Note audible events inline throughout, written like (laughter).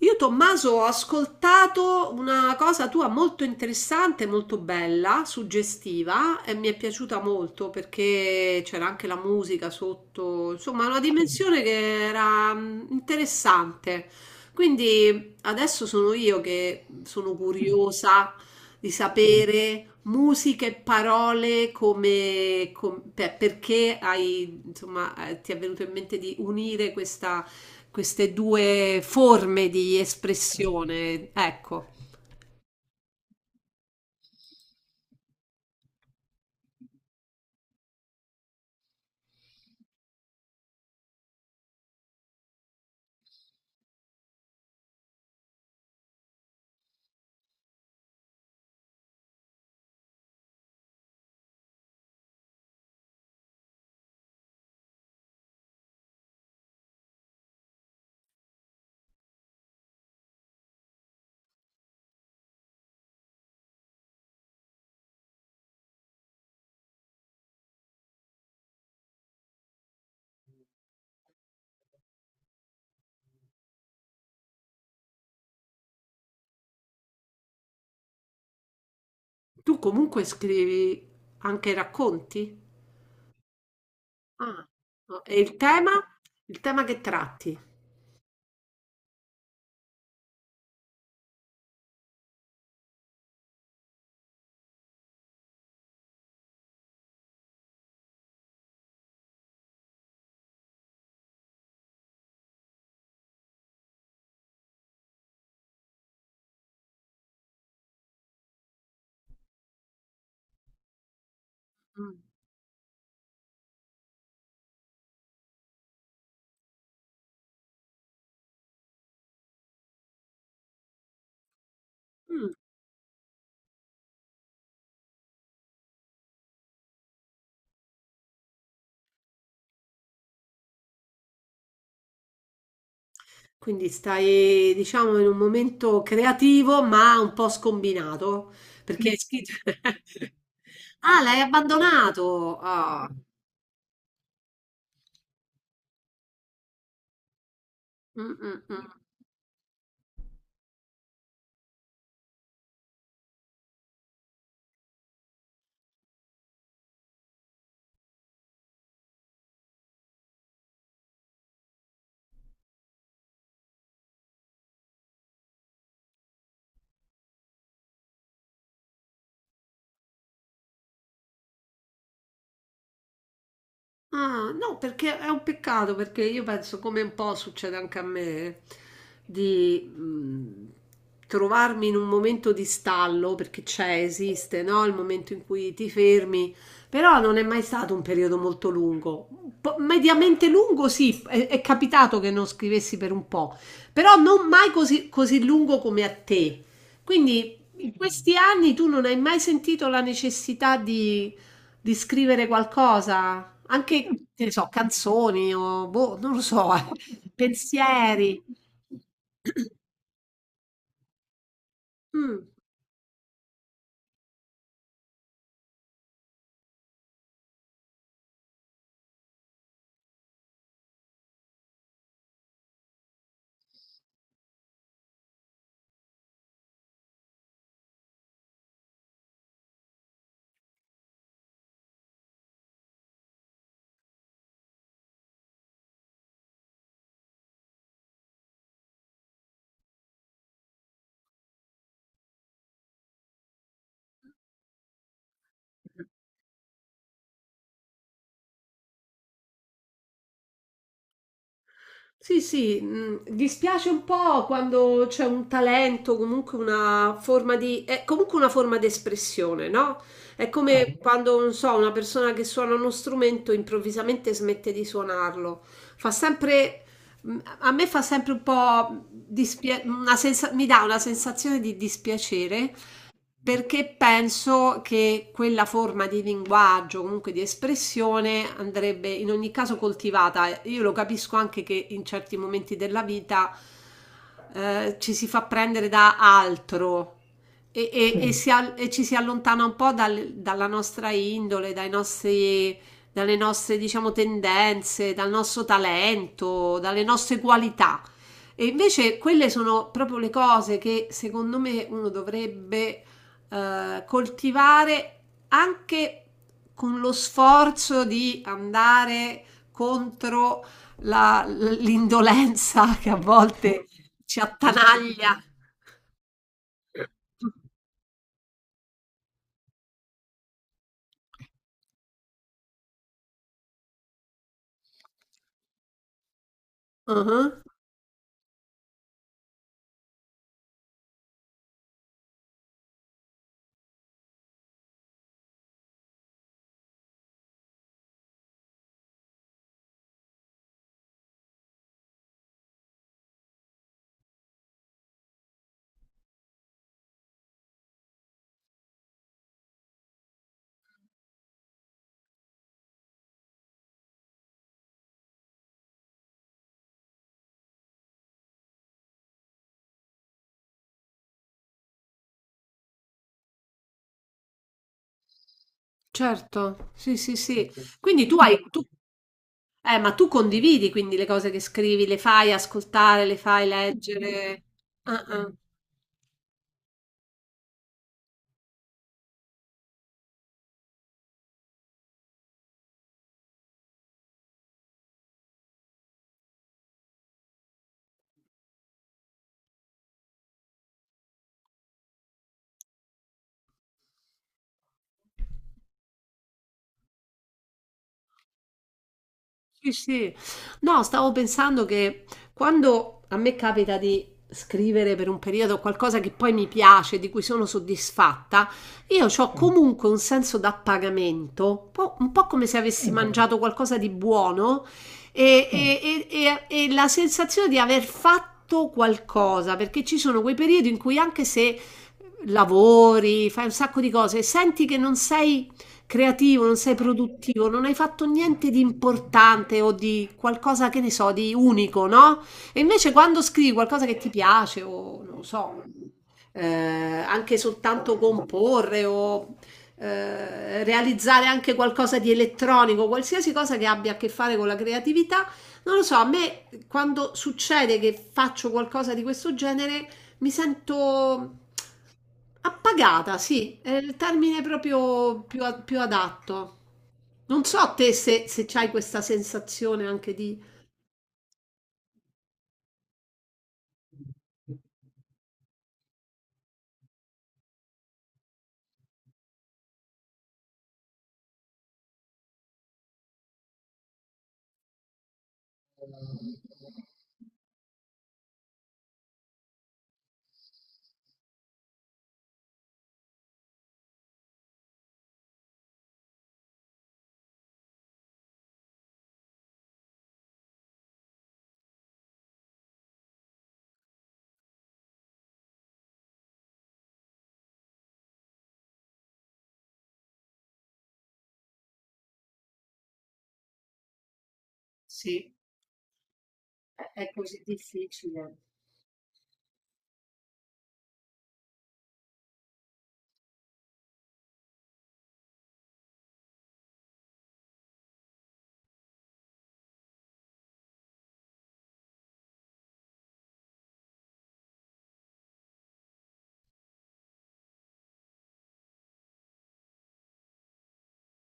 Io, Tommaso, ho ascoltato una cosa tua molto interessante, molto bella, suggestiva e mi è piaciuta molto perché c'era anche la musica sotto, insomma, una dimensione che era interessante. Quindi adesso sono io che sono curiosa di sapere musica e parole perché hai, insomma, ti è venuto in mente di unire questa queste due forme di espressione. Ecco, tu comunque scrivi anche racconti? Ah, no. E il tema? Il tema che tratti? Mm. Mm. Quindi stai, diciamo, in un momento creativo, ma un po' scombinato, perché hai scritto... (laughs) Ah, l'hai abbandonato! Ah. Mm, mm, mm. Ah, no, perché è un peccato, perché io penso, come un po' succede anche a me, di trovarmi in un momento di stallo, perché c'è, esiste, no? Il momento in cui ti fermi, però non è mai stato un periodo molto lungo. Un po' mediamente lungo, sì, è capitato che non scrivessi per un po', però non mai così, così lungo come a te. Quindi in questi anni tu non hai mai sentito la necessità di scrivere qualcosa? Anche, che ne so, canzoni o boh, non lo so, (laughs) pensieri. Mh, sì, sì, dispiace un po' quando c'è un talento, comunque una forma di, è comunque una forma di espressione, no? È come sì, quando, non so, una persona che suona uno strumento improvvisamente smette di suonarlo. Fa sempre, a me fa sempre un po' mi dà una sensazione di dispiacere perché penso che quella forma di linguaggio, comunque di espressione, andrebbe in ogni caso coltivata. Io lo capisco anche che in certi momenti della vita ci si fa prendere da altro e sì, ci si allontana un po' dalla nostra indole, dalle nostre, diciamo, tendenze, dal nostro talento, dalle nostre qualità. E invece quelle sono proprio le cose che secondo me uno dovrebbe coltivare anche con lo sforzo di andare contro l'indolenza (laughs) che a volte ci attanaglia. Mhm. Certo, sì, sì, sì. Quindi ma tu condividi quindi le cose che scrivi, le fai ascoltare, le fai leggere. Sì, sì. No, stavo pensando che quando a me capita di scrivere per un periodo qualcosa che poi mi piace, di cui sono soddisfatta, io ho, mm, comunque un senso d'appagamento, un po' come se avessi, mm, mangiato qualcosa di buono mm, e la sensazione di aver fatto qualcosa, perché ci sono quei periodi in cui anche se lavori, fai un sacco di cose, senti che non sei creativo, non sei produttivo, non hai fatto niente di importante o di qualcosa che ne so, di unico, no? E invece quando scrivi qualcosa che ti piace o non lo so, eh, anche soltanto comporre o realizzare anche qualcosa di elettronico, qualsiasi cosa che abbia a che fare con la creatività, non lo so, a me quando succede che faccio qualcosa di questo genere mi sento appagata, sì, è il termine proprio più adatto. Non so te se, se c'hai questa sensazione anche di... Sì, è così difficile.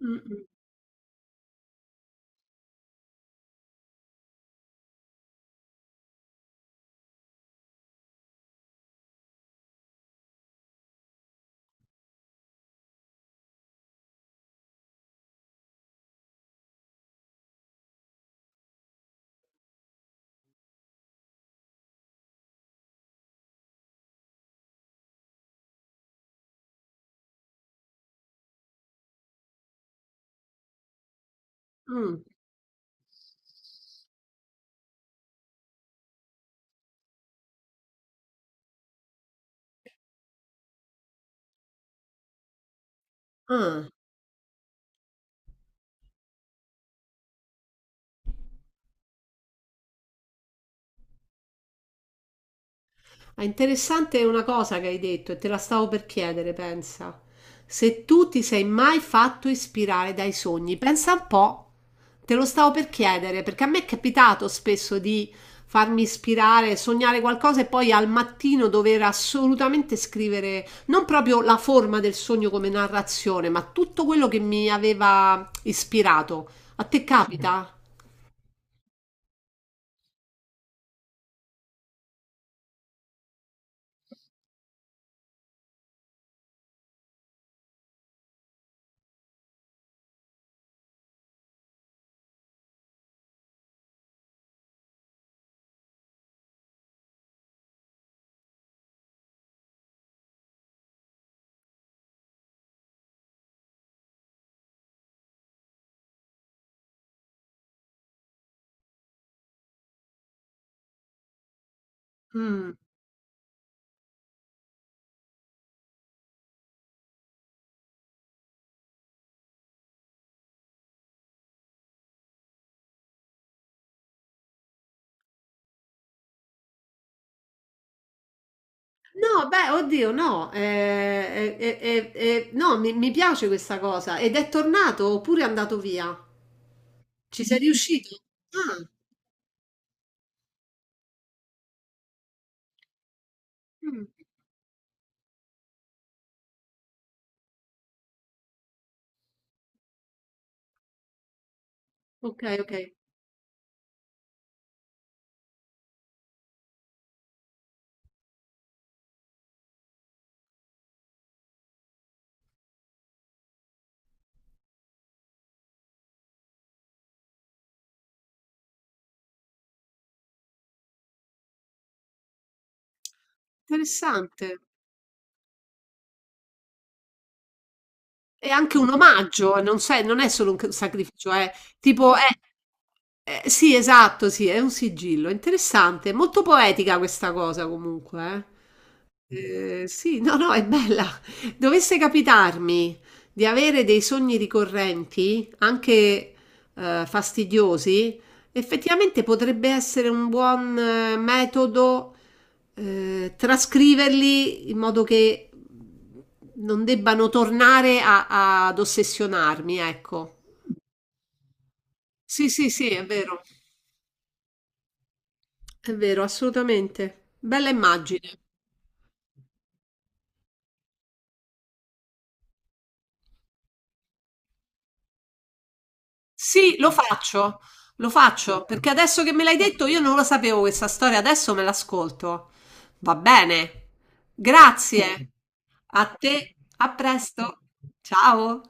Mm, mm, mm. Ah. Ah, interessante una cosa che hai detto e te la stavo per chiedere, pensa. Se tu ti sei mai fatto ispirare dai sogni, pensa un po'. Te lo stavo per chiedere perché a me è capitato spesso di farmi ispirare, sognare qualcosa e poi al mattino dover assolutamente scrivere non proprio la forma del sogno come narrazione, ma tutto quello che mi aveva ispirato. A te capita? Mm. No, beh, oddio, no, no, mi piace questa cosa. Ed è tornato oppure è andato via? Ci sei riuscito? Ah, mm, ok, ok. Interessante. È anche un omaggio, non è solo un sacrificio, è tipo, è, sì, esatto, sì, è un sigillo, interessante, molto poetica questa cosa comunque. Eh. Sì, no, no, è bella. Dovesse capitarmi di avere dei sogni ricorrenti, anche fastidiosi, effettivamente potrebbe essere un buon metodo trascriverli in modo che non debbano tornare ad ossessionarmi, ecco. Sì, sì, sì, è vero, assolutamente. Bella immagine. Sì, lo faccio, perché adesso che me l'hai detto io non lo sapevo questa storia, adesso me l'ascolto. Va bene, grazie. A te, a presto. Ciao.